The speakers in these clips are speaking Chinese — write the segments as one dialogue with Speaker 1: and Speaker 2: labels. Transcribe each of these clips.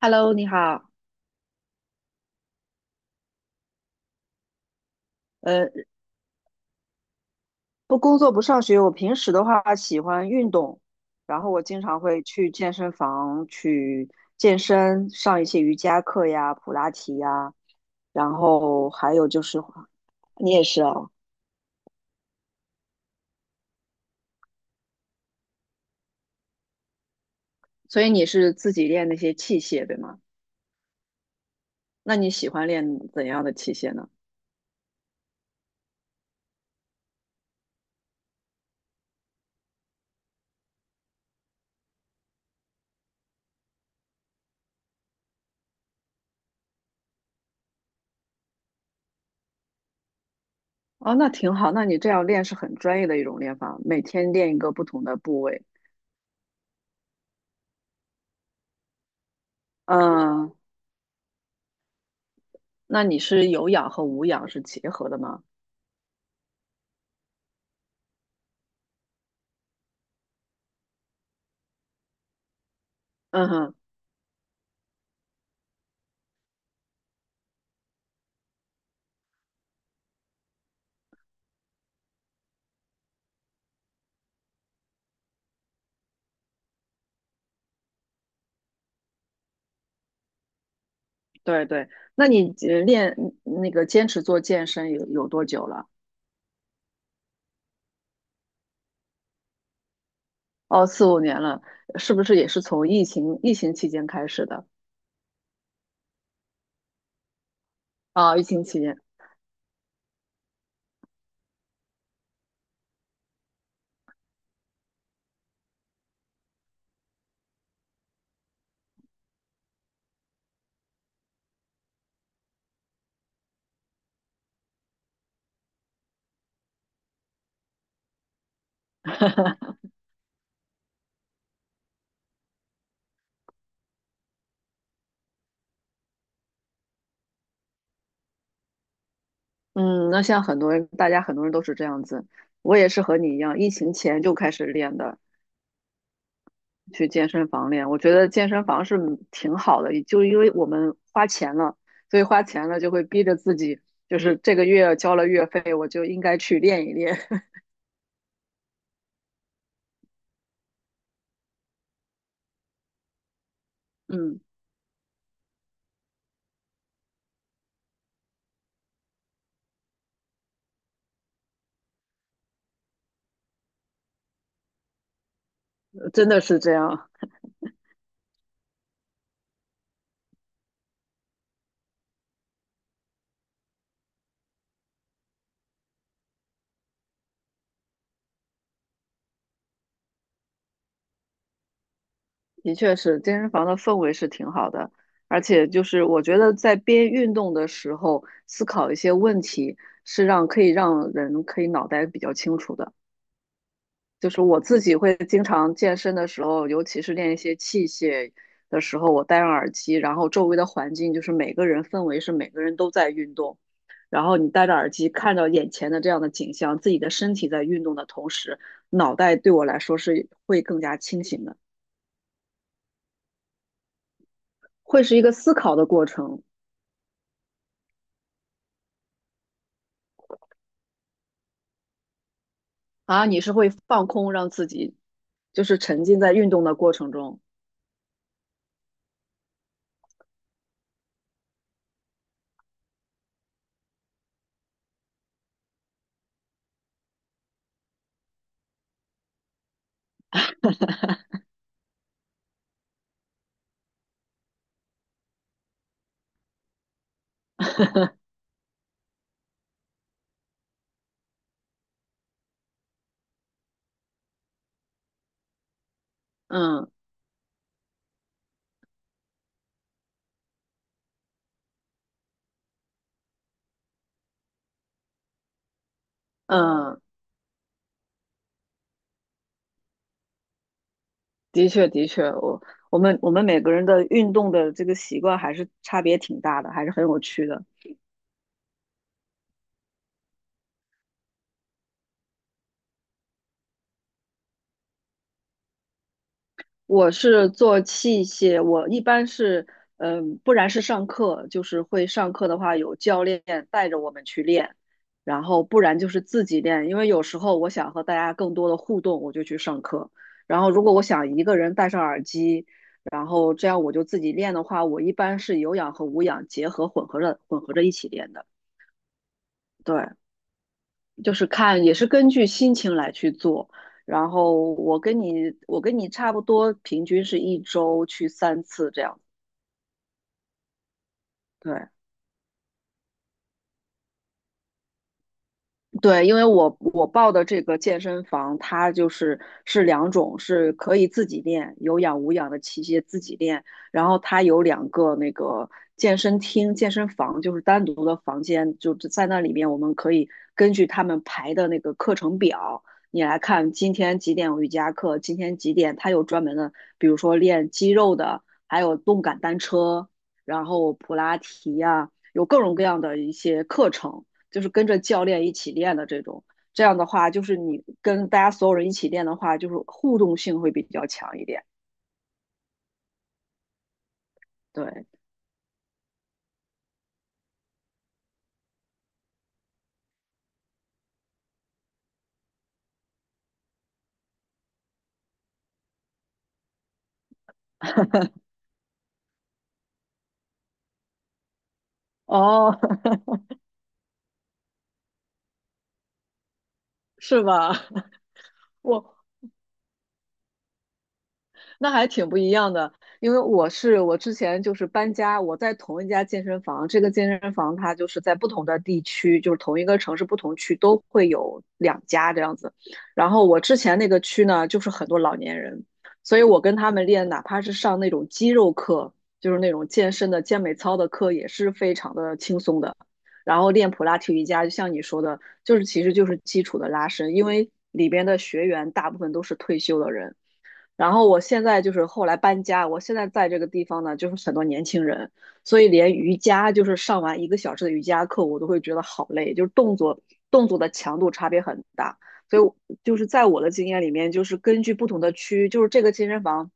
Speaker 1: Hello，你好。呃，不工作不上学，我平时的话喜欢运动，然后我经常会去健身房去健身，上一些瑜伽课呀、普拉提呀，然后还有就是，你也是哦，所以你是自己练那些器械，对吗？那你喜欢练怎样的器械呢？哦，那挺好，那你这样练是很专业的一种练法，每天练一个不同的部位。嗯，那你是有氧和无氧是结合的吗？嗯哼。对对，那你呃练嗯那个坚持做健身有多久了？哦，4、5年了，是不是也是从疫情期间开始的？啊、疫情期间，嗯，那像很多人，大家很多人都是这样子，我也是和你一样，疫情前就开始练的，去健身房练。我觉得健身房是挺好的，就因为我们花钱了，所以花钱了就会逼着自己，就是这个月交了月费，我就应该去练一练。嗯，真的是这样。的确是，健身房的氛围是挺好的，而且就是我觉得在边运动的时候思考一些问题，是让可以让人可以脑袋比较清楚的。就是我自己会经常健身的时候，尤其是练一些器械的时候，我戴上耳机，然后周围的环境就是每个人氛围是每个人都在运动，然后你戴着耳机看到眼前的这样的景象，自己的身体在运动的同时，脑袋对我来说是会更加清醒的，会是一个思考的过程。啊，你是会放空，让自己就是沉浸在运动的过程中。嗯嗯，的确的确，我们每个人的运动的这个习惯还是差别挺大的，还是很有趣的。我是做器械，我一般是，嗯，不然是上课，就是会上课的话有教练带着我们去练，然后不然就是自己练，因为有时候我想和大家更多的互动，我就去上课。然后如果我想一个人戴上耳机，然后这样我就自己练的话，我一般是有氧和无氧结合混合着一起练的。对，就是看也是根据心情来去做。然后我跟你差不多，平均是一周去3次这样。对，对，因为我报的这个健身房，它就是是两种，是可以自己练，有氧无氧的器械自己练，然后它有两个那个健身厅、健身房，就是单独的房间，就是在那里面我们可以根据他们排的那个课程表，你来看今天几点有瑜伽课，今天几点，它有专门的，比如说练肌肉的，还有动感单车，然后普拉提呀、有各种各样的一些课程。就是跟着教练一起练的这种。这样的话，就是你跟大家所有人一起练的话，就是互动性会比较强一点。对，哦，是吧？我那还挺不一样的，因为我之前就是搬家，我在同一家健身房，这个健身房它就是在不同的地区，就是同一个城市不同区都会有两家这样子。然后我之前那个区呢，就是很多老年人，所以我跟他们练，哪怕是上那种肌肉课，就是那种健身的健美操的课，也是非常的轻松的。然后练普拉提瑜伽，就像你说的，就是其实就是基础的拉伸，因为里边的学员大部分都是退休的人。然后我现在就是后来搬家，我现在在这个地方呢，就是很多年轻人，所以连瑜伽就是上完1个小时的瑜伽课，我都会觉得好累，就是动作的强度差别很大。所以我就是在我的经验里面，就是根据不同的区，就是这个健身房，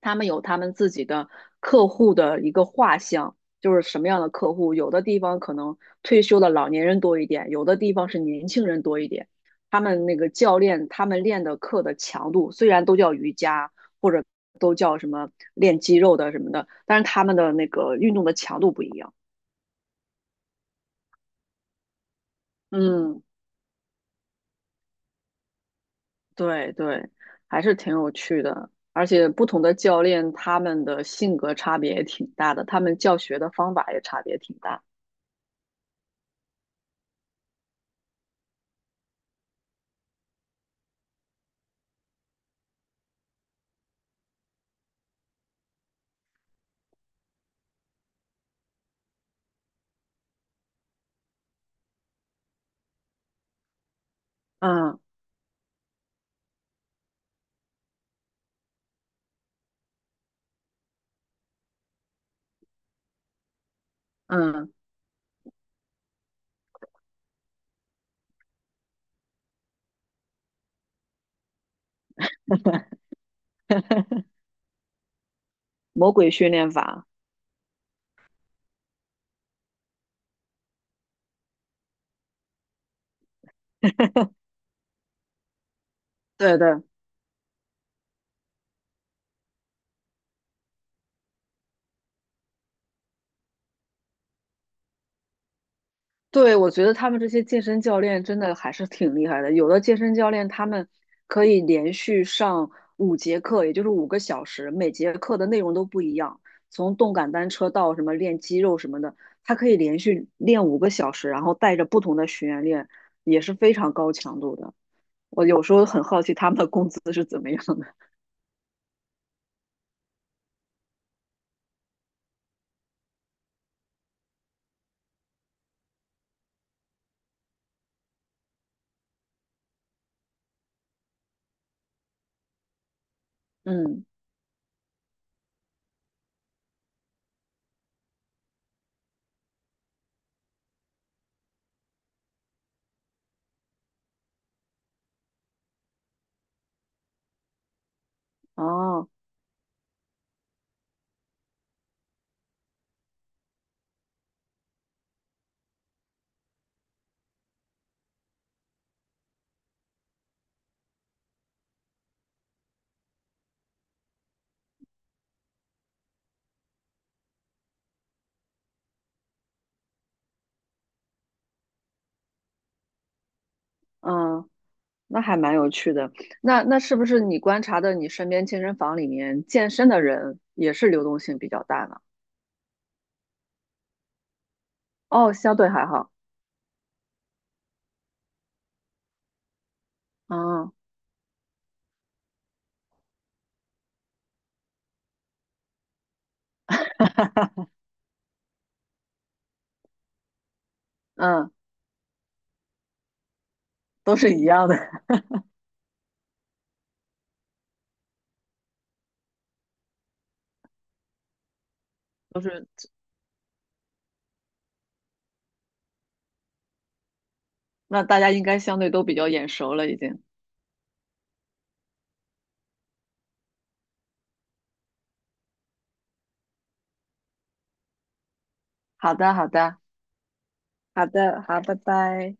Speaker 1: 他们有他们自己的客户的一个画像，就是什么样的客户，有的地方可能退休的老年人多一点，有的地方是年轻人多一点。他们那个教练他们练的课的强度，虽然都叫瑜伽或者都叫什么练肌肉的什么的，但是他们的那个运动的强度不一样。嗯，对对，还是挺有趣的。而且不同的教练他们的性格差别也挺大的，他们教学的方法也差别挺大。嗯嗯，魔鬼训练法，对对。对，我觉得他们这些健身教练真的还是挺厉害的。有的健身教练他们可以连续上5节课，也就是五个小时，每节课的内容都不一样，从动感单车到什么练肌肉什么的，他可以连续练五个小时，然后带着不同的学员练，也是非常高强度的。我有时候很好奇他们的工资是怎么样的。嗯，哦，嗯。那还蛮有趣的。那是不是你观察的你身边健身房里面健身的人也是流动性比较大呢？哦，相对还好。嗯嗯，都是一样的，都是。那大家应该相对都比较眼熟了，已经。好的，好的，好的，好，拜拜。